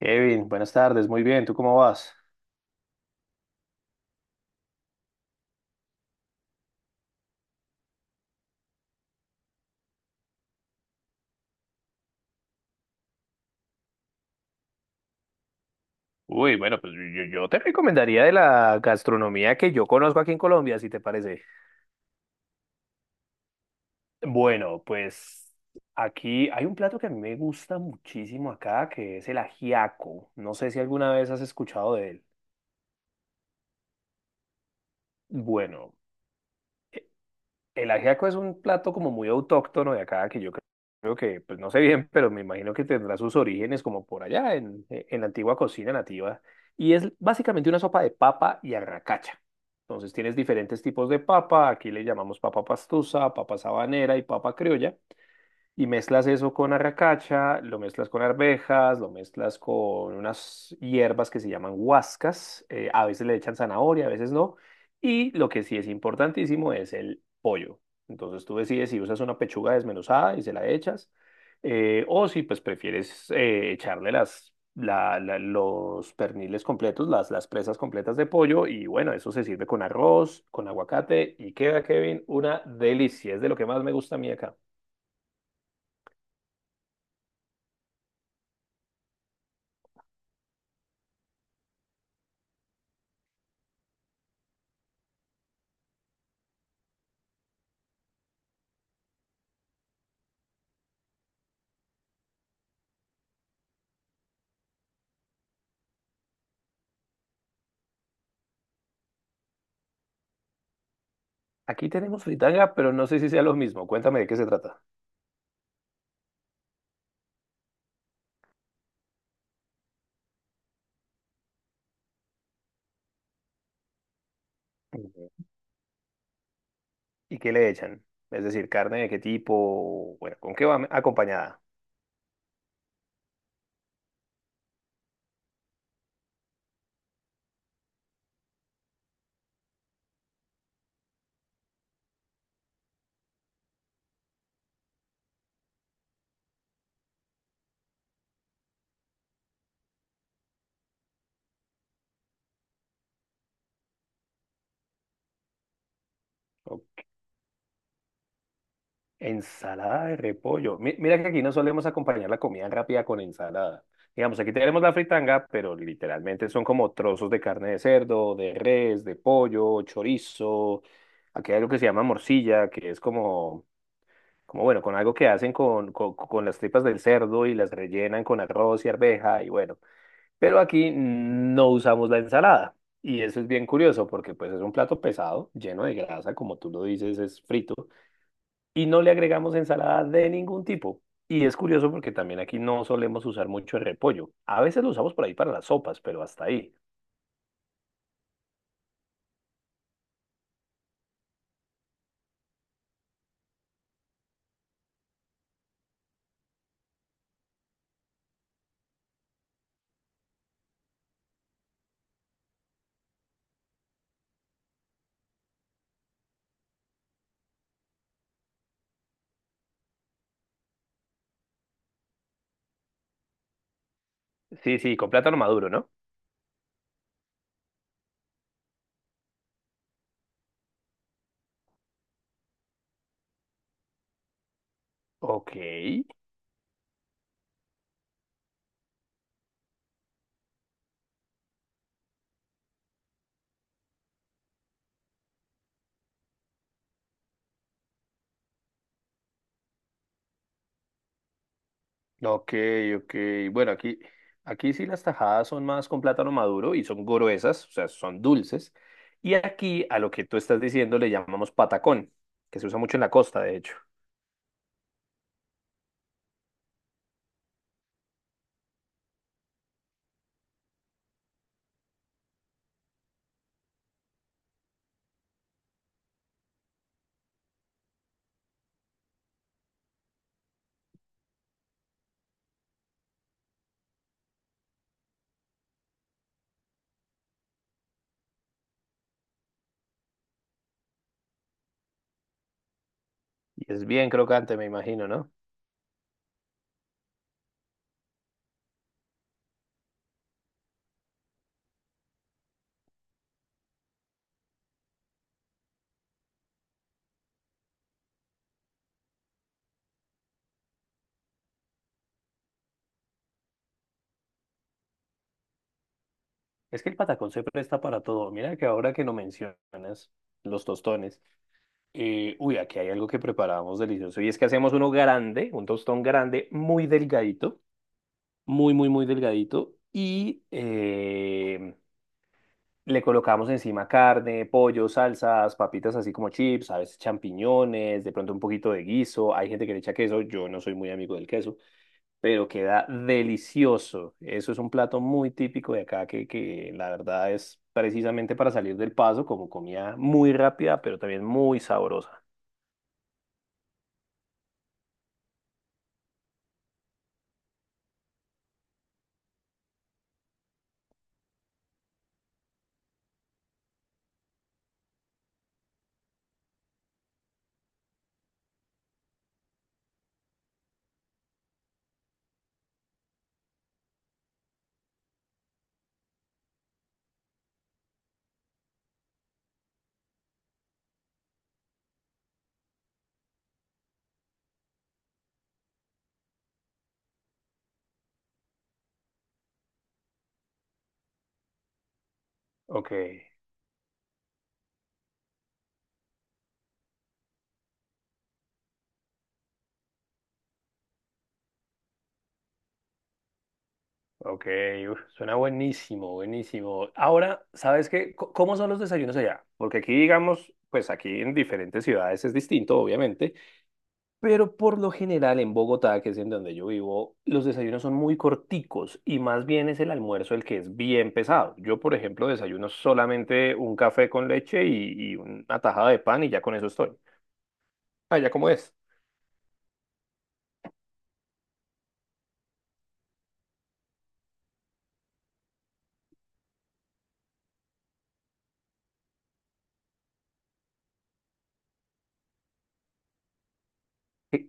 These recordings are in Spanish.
Kevin, buenas tardes, muy bien, ¿tú cómo vas? Uy, bueno, pues yo te recomendaría de la gastronomía que yo conozco aquí en Colombia, si te parece. Bueno, pues aquí hay un plato que a mí me gusta muchísimo acá, que es el ajiaco. No sé si alguna vez has escuchado de él. Bueno. El ajiaco es un plato como muy autóctono de acá, que creo que, pues no sé bien, pero me imagino que tendrá sus orígenes como por allá, en la antigua cocina nativa. Y es básicamente una sopa de papa y arracacha. Entonces tienes diferentes tipos de papa, aquí le llamamos papa pastusa, papa sabanera y papa criolla. Y mezclas eso con arracacha, lo mezclas con arvejas, lo mezclas con unas hierbas que se llaman huascas. A veces le echan zanahoria, a veces no. Y lo que sí es importantísimo es el pollo. Entonces tú decides si usas una pechuga desmenuzada y se la echas, o si pues prefieres echarle los perniles completos, las presas completas de pollo. Y bueno, eso se sirve con arroz, con aguacate y queda, Kevin, una delicia. Es de lo que más me gusta a mí acá. Aquí tenemos fritanga, pero no sé si sea lo mismo. Cuéntame de qué se trata. Ujú. ¿Y qué le echan? Es decir, carne de qué tipo, bueno, ¿con qué va acompañada? O- Ensalada de repollo. Mira que aquí no solemos acompañar la comida rápida con ensalada. Digamos, aquí tenemos la fritanga, pero literalmente son como trozos de carne de cerdo, de res, de pollo, chorizo. Aquí hay algo que se llama morcilla, que es como, como bueno, con algo que hacen con las tripas del cerdo y las rellenan con arroz y arveja y bueno. Pero aquí no usamos la ensalada. Y eso es bien curioso porque pues es un plato pesado, lleno de grasa, como tú lo dices, es frito. Y no le agregamos ensalada de ningún tipo. Y es curioso porque también aquí no solemos usar mucho el repollo. A veces lo usamos por ahí para las sopas, pero hasta ahí. Sí, sí, con plátano maduro, ¿no? Ok. Ok, ok. Bueno, aquí sí las tajadas son más con plátano maduro y son gruesas, o sea, son dulces. Y aquí a lo que tú estás diciendo le llamamos patacón, que se usa mucho en la costa, de hecho. Y es bien crocante, me imagino, ¿no? Es que el patacón se presta para todo. Mira que ahora que no mencionas los tostones, uy, aquí hay algo que preparamos delicioso. Y es que hacemos uno grande, un tostón grande, muy delgadito, muy, muy, muy delgadito. Y... Le colocamos encima carne, pollo, salsas, papitas así como chips, a veces champiñones, de pronto un poquito de guiso. Hay gente que le echa queso, yo no soy muy amigo del queso, pero queda delicioso. Eso es un plato muy típico de acá que la verdad es precisamente para salir del paso, como comida muy rápida, pero también muy sabrosa. Ok, ok, uf, suena buenísimo, buenísimo. Ahora, ¿sabes qué? ¿Cómo son los desayunos allá? Porque aquí, digamos, pues aquí en diferentes ciudades es distinto, obviamente. Pero por lo general en Bogotá, que es en donde yo vivo, los desayunos son muy corticos y más bien es el almuerzo el que es bien pesado. Yo, por ejemplo, desayuno solamente un café con leche y una tajada de pan y ya con eso estoy. Ah, ¿ya cómo es? Sí.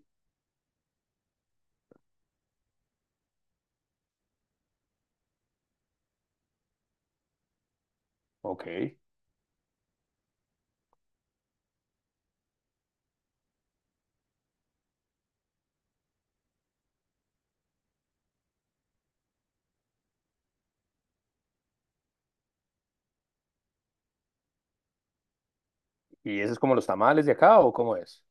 Ok. ¿Y eso es como los tamales de acá o cómo es?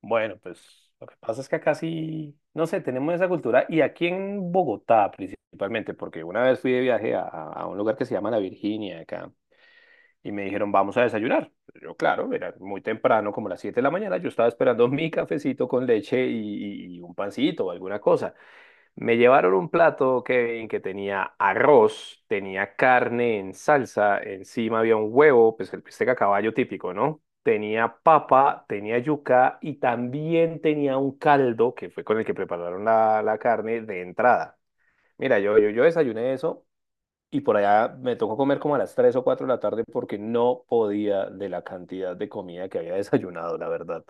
Bueno, pues lo que pasa es que acá sí, no sé, tenemos esa cultura y aquí en Bogotá principalmente, porque una vez fui de viaje a un lugar que se llama La Virginia acá. Y me dijeron, vamos a desayunar. Yo, claro, era muy temprano, como las 7 de la mañana, yo estaba esperando mi cafecito con leche y un pancito o alguna cosa. Me llevaron un plato, Kevin, que tenía arroz, tenía carne en salsa, encima había un huevo, pues el bistec a caballo típico, ¿no? Tenía papa, tenía yuca y también tenía un caldo, que fue con el que prepararon la carne de entrada. Mira, yo desayuné eso y por allá me tocó comer como a las 3 o 4 de la tarde porque no podía de la cantidad de comida que había desayunado, la verdad.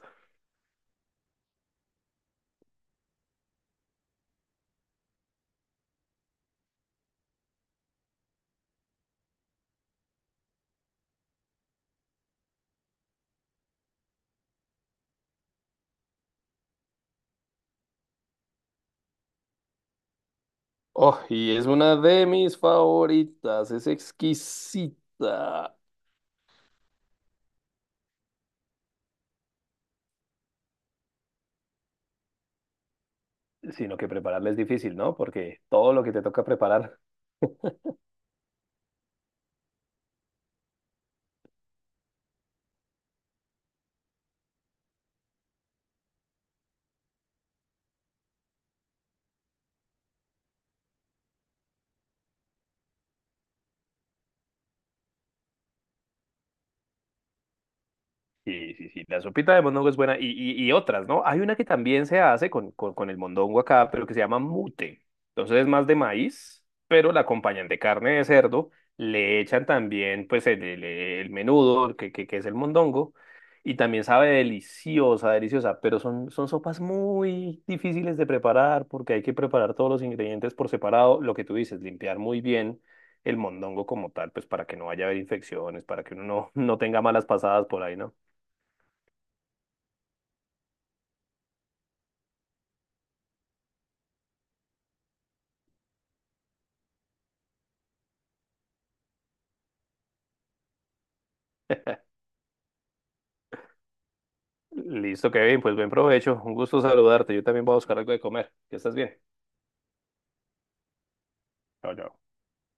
Oh, y es una de mis favoritas, es exquisita. Sino que prepararla es difícil, ¿no? Porque todo lo que te toca preparar. Sí, sí, sí, la sopita de mondongo es buena y otras, ¿no? Hay una que también se hace con el mondongo acá, pero que se llama mute. Entonces es más de maíz, pero la acompañan de carne de cerdo, le echan también pues el menudo, que es el mondongo, y también sabe deliciosa, deliciosa, pero son sopas muy difíciles de preparar porque hay que preparar todos los ingredientes por separado, lo que tú dices, limpiar muy bien el mondongo como tal, pues para que no vaya a haber infecciones, para que uno no, no tenga malas pasadas por ahí, ¿no? Listo, Kevin, pues buen provecho. Un gusto saludarte. Yo también voy a buscar algo de comer. Que estés bien. Chao, chao.